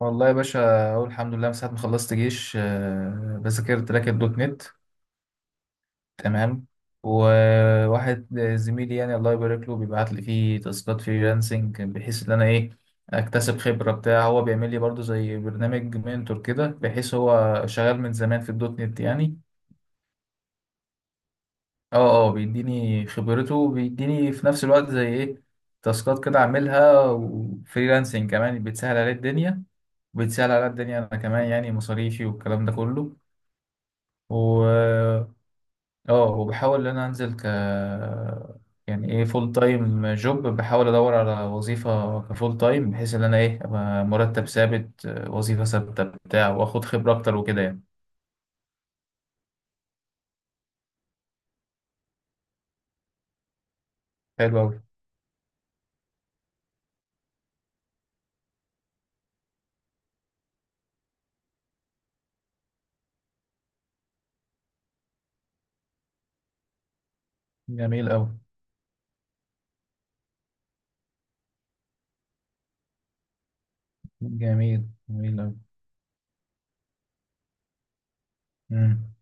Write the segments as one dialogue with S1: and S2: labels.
S1: والله يا باشا. اقول الحمد لله من ساعه ما خلصت جيش، بذاكرت لك الدوت نت. تمام. وواحد زميلي، يعني الله يبارك له، بيبعت لي فيه تاسكات فريلانسنج بحيث ان انا ايه اكتسب خبره بتاع. هو بيعمل لي برضو زي برنامج منتور كده، بحيث هو شغال من زمان في الدوت نت يعني. اه اه، بيديني خبرته وبيديني في نفس الوقت زي ايه تاسكات كده اعملها. وفريلانسنج كمان بتسهل عليه الدنيا، بتسهل على الدنيا انا كمان، يعني مصاريفي والكلام ده كله. و اه وبحاول ان انا انزل ك يعني ايه فول تايم جوب، بحاول ادور على وظيفة كفول تايم بحيث ان انا ايه ابقى مرتب ثابت، وظيفة ثابتة بتاع، واخد خبرة اكتر وكده يعني. حلو اوي. جميل اوي. جميل جميل اوي. مم.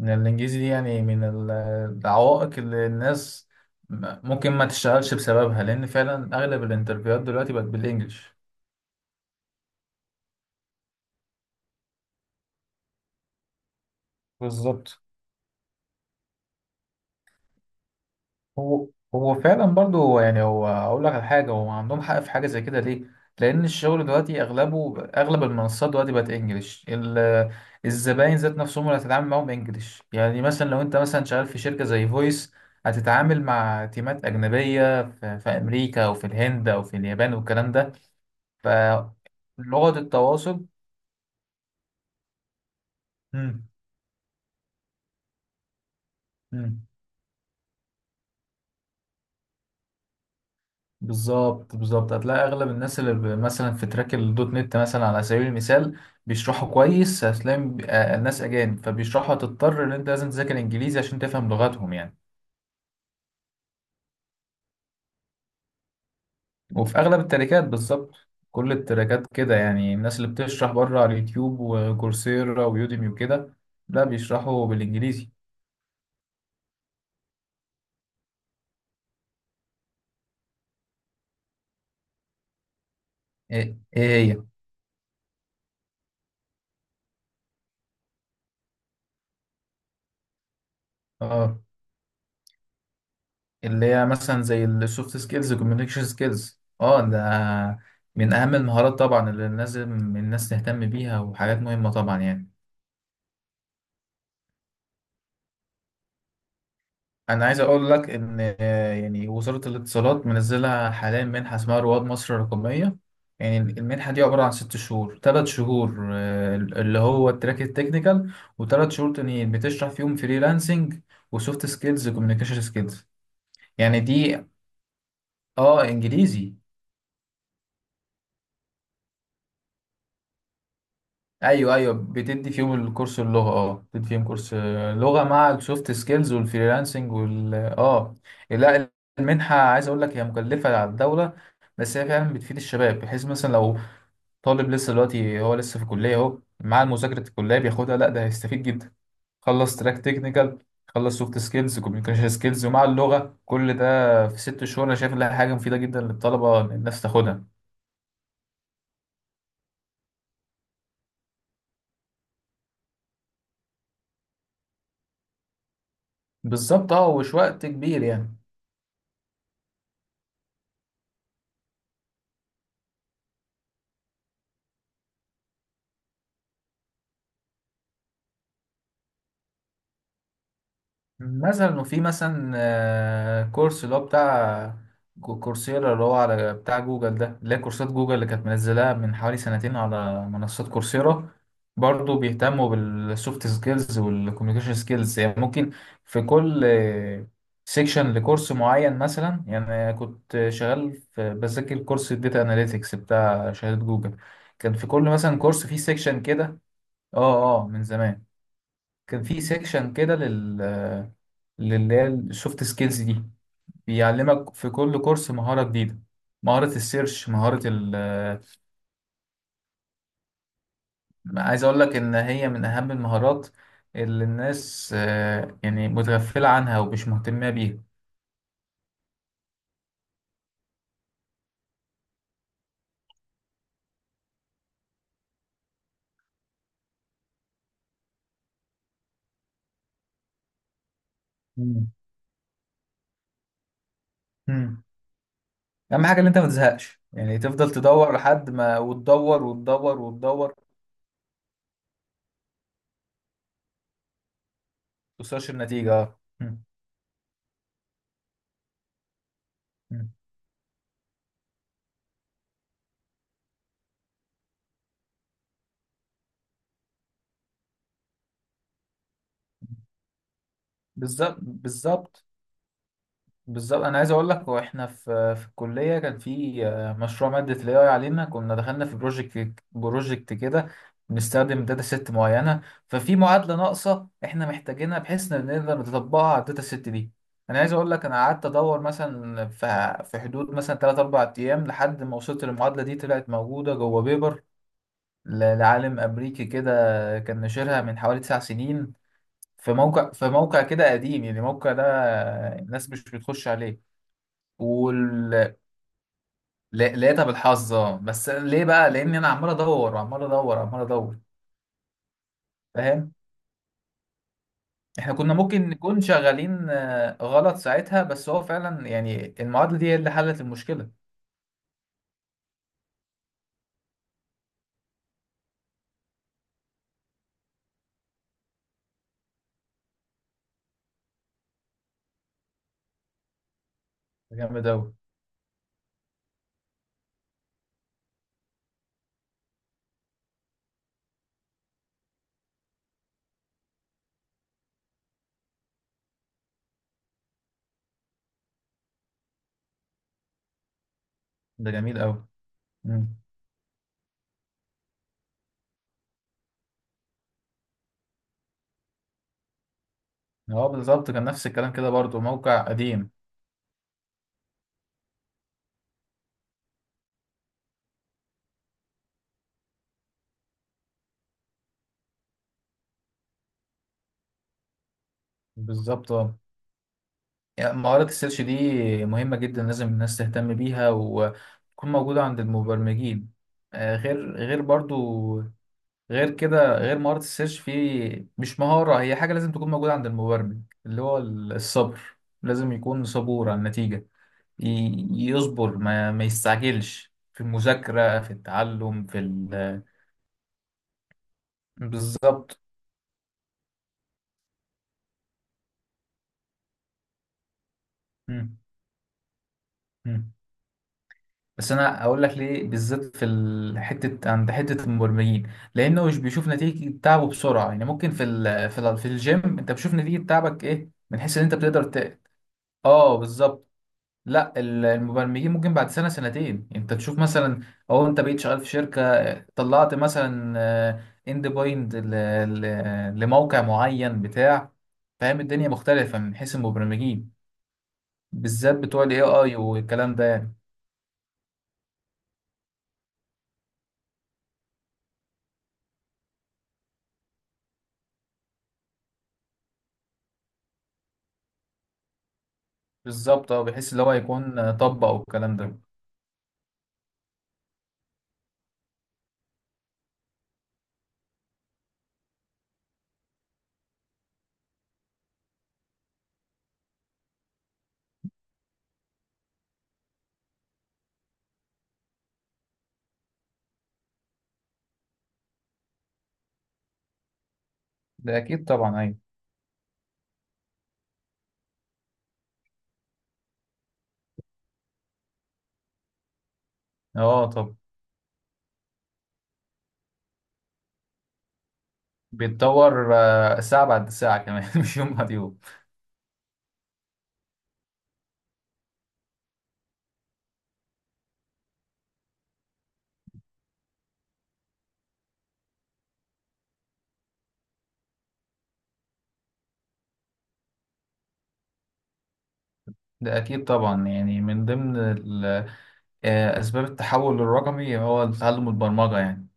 S1: إن الانجليزي دي يعني من العوائق اللي الناس ممكن ما تشتغلش بسببها، لان فعلا اغلب الانترفيوهات دلوقتي بقت بالانجلش. بالظبط. هو هو فعلا برضو يعني. هو اقول لك على حاجه، هو عندهم حق في حاجه زي كده ليه؟ لان الشغل دلوقتي اغلبه، اغلب المنصات دلوقتي بقت انجليش. الزباين ذات نفسهم اللي هتتعامل معاهم انجليش، يعني مثلا لو انت مثلا شغال في شركه زي فويس هتتعامل مع تيمات اجنبيه في امريكا او في الهند او في اليابان والكلام ده، فلغه التواصل. مم. مم. بالظبط بالظبط. هتلاقي اغلب الناس اللي مثلا في تراك الدوت نت مثلا، على سبيل المثال، بيشرحوا كويس. هتلاقي الناس اجانب، فبيشرحوا. هتضطر ان انت لازم تذاكر انجليزي عشان تفهم لغتهم يعني. وفي اغلب التراكات بالظبط، كل التراكات كده يعني، الناس اللي بتشرح بره على اليوتيوب وكورسيرا ويوديمي وكده، لا بيشرحوا بالانجليزي. ايه؟ إيه هي؟ اه، اللي هي مثلا زي السوفت سكيلز والكوميونيكيشن سكيلز. اه، ده من اهم المهارات طبعا اللي لازم الناس تهتم بيها، وحاجات مهمة طبعا يعني. انا عايز اقول لك ان يعني وزارة الاتصالات منزلة حاليا منحة اسمها رواد مصر الرقمية. يعني المنحة دي عبارة عن ست شهور، تلات شهور اللي هو التراك التكنيكال، وتلات شهور تانيين بتشرح فيهم فريلانسنج وسوفت سكيلز وكوميونيكيشن سكيلز، يعني دي. اه، انجليزي. ايوه ايوه، بتدي فيهم الكورس اللغه، بتدي فيهم كورس، لغه مع السوفت سكيلز والفريلانسنج وال اه لا، المنحه عايز اقول لك هي مكلفه على الدوله، بس هي فعلا بتفيد الشباب. بحيث مثلا لو طالب لسه دلوقتي، هو لسه في الكليه اهو، مع مذاكره الكليه بياخدها، لا ده هيستفيد جدا. خلص تراك تكنيكال، خلص سوفت سكيلز كوميونيكيشن سكيلز ومع اللغه، كل ده في ست شهور. انا شايف انها حاجه مفيده جدا للطلبه ان الناس تاخدها. بالظبط اه، ومش وقت كبير يعني. مثلا وفي مثلا كورس اللي هو بتاع كورسيرا، اللي هو على بتاع جوجل ده، اللي هي كورسات جوجل اللي كانت منزلاها من حوالي سنتين على منصات كورسيرا. برضو بيهتموا بالسوفت سكيلز والكوميونيكيشن سكيلز، يعني ممكن في كل سيكشن لكورس معين مثلا. يعني كنت شغال بذاكر كورس الداتا اناليتكس بتاع شهادة جوجل، كان في كل مثلا كورس فيه سيكشن كده. اه اه، من زمان. كان في سيكشن كده للي هي السوفت سكيلز دي، بيعلمك في كل كورس مهارة جديدة: مهارة السيرش، مهارة ال... عايز أقول لك إن هي من أهم المهارات اللي الناس يعني متغفلة عنها ومش مهتمة بيها. مم. مم. أهم حاجة إن أنت ما تزهقش، يعني تفضل تدور لحد ما، وتدور وتدور وتدور توصلش النتيجة. بالظبط بالظبط بالظبط. انا عايز اقول لك، واحنا في الكليه كان في مشروع ماده الاي اي علينا، كنا دخلنا في بروجكت بروجكت كده، بنستخدم داتا ست معينه، ففي معادله ناقصه احنا محتاجينها بحيث ان نقدر نطبقها على الداتا ست دي. انا عايز اقول لك، انا قعدت ادور مثلا في حدود مثلا 3 4 ايام لحد ما وصلت للمعادله دي. طلعت موجوده جوه بيبر لعالم امريكي كده، كان نشرها من حوالي 9 سنين، في موقع كده قديم، يعني الموقع ده الناس مش بتخش عليه، وال- لقيتها بالحظ اه. بس ليه بقى؟ لان انا عمال ادور وعمال ادور وعمال ادور، فاهم. احنا كنا ممكن نكون شغالين غلط ساعتها، بس هو فعلا يعني المعادله دي هي اللي حلت المشكله ده. جامد قوي. ده جميل قوي. هو بالظبط كان نفس الكلام كده برضو، موقع قديم. بالظبط اه. يعني مهارة السيرش دي مهمة جدا، لازم الناس تهتم بيها وتكون موجودة عند المبرمجين. غير برضو، غير كده، غير مهارة السيرش، في مش مهارة، هي حاجة لازم تكون موجودة عند المبرمج، اللي هو الصبر. لازم يكون صبور على النتيجة، يصبر، ما يستعجلش في المذاكرة، في التعلم، في ال... بالظبط. مم. مم. بس أنا أقول لك ليه بالذات في حتة عند حتة المبرمجين، لأنه مش بيشوف نتيجة تعبه بسرعة. يعني ممكن في الجيم أنت بتشوف نتيجة تعبك، إيه من حيث إن أنت بتقدر ت... اه بالظبط. لا، المبرمجين ممكن بعد سنة سنتين انت تشوف مثلا، او انت بقيت شغال في شركة طلعت مثلا اند بوينت لموقع معين بتاع، فاهم الدنيا مختلفة من حيث المبرمجين، بالذات بتوع الاي اي والكلام ده يعني. بالظبط اه، بحيث اللي هو يكون طبق والكلام ده. ده اكيد طبعا ايوه. اه طب. بيتطور ساعة بعد ساعة كمان مش يوم بعد يوم. ده اكيد طبعا، يعني من ضمن ال آه، أسباب التحول الرقمي هو تعلم البرمجة يعني.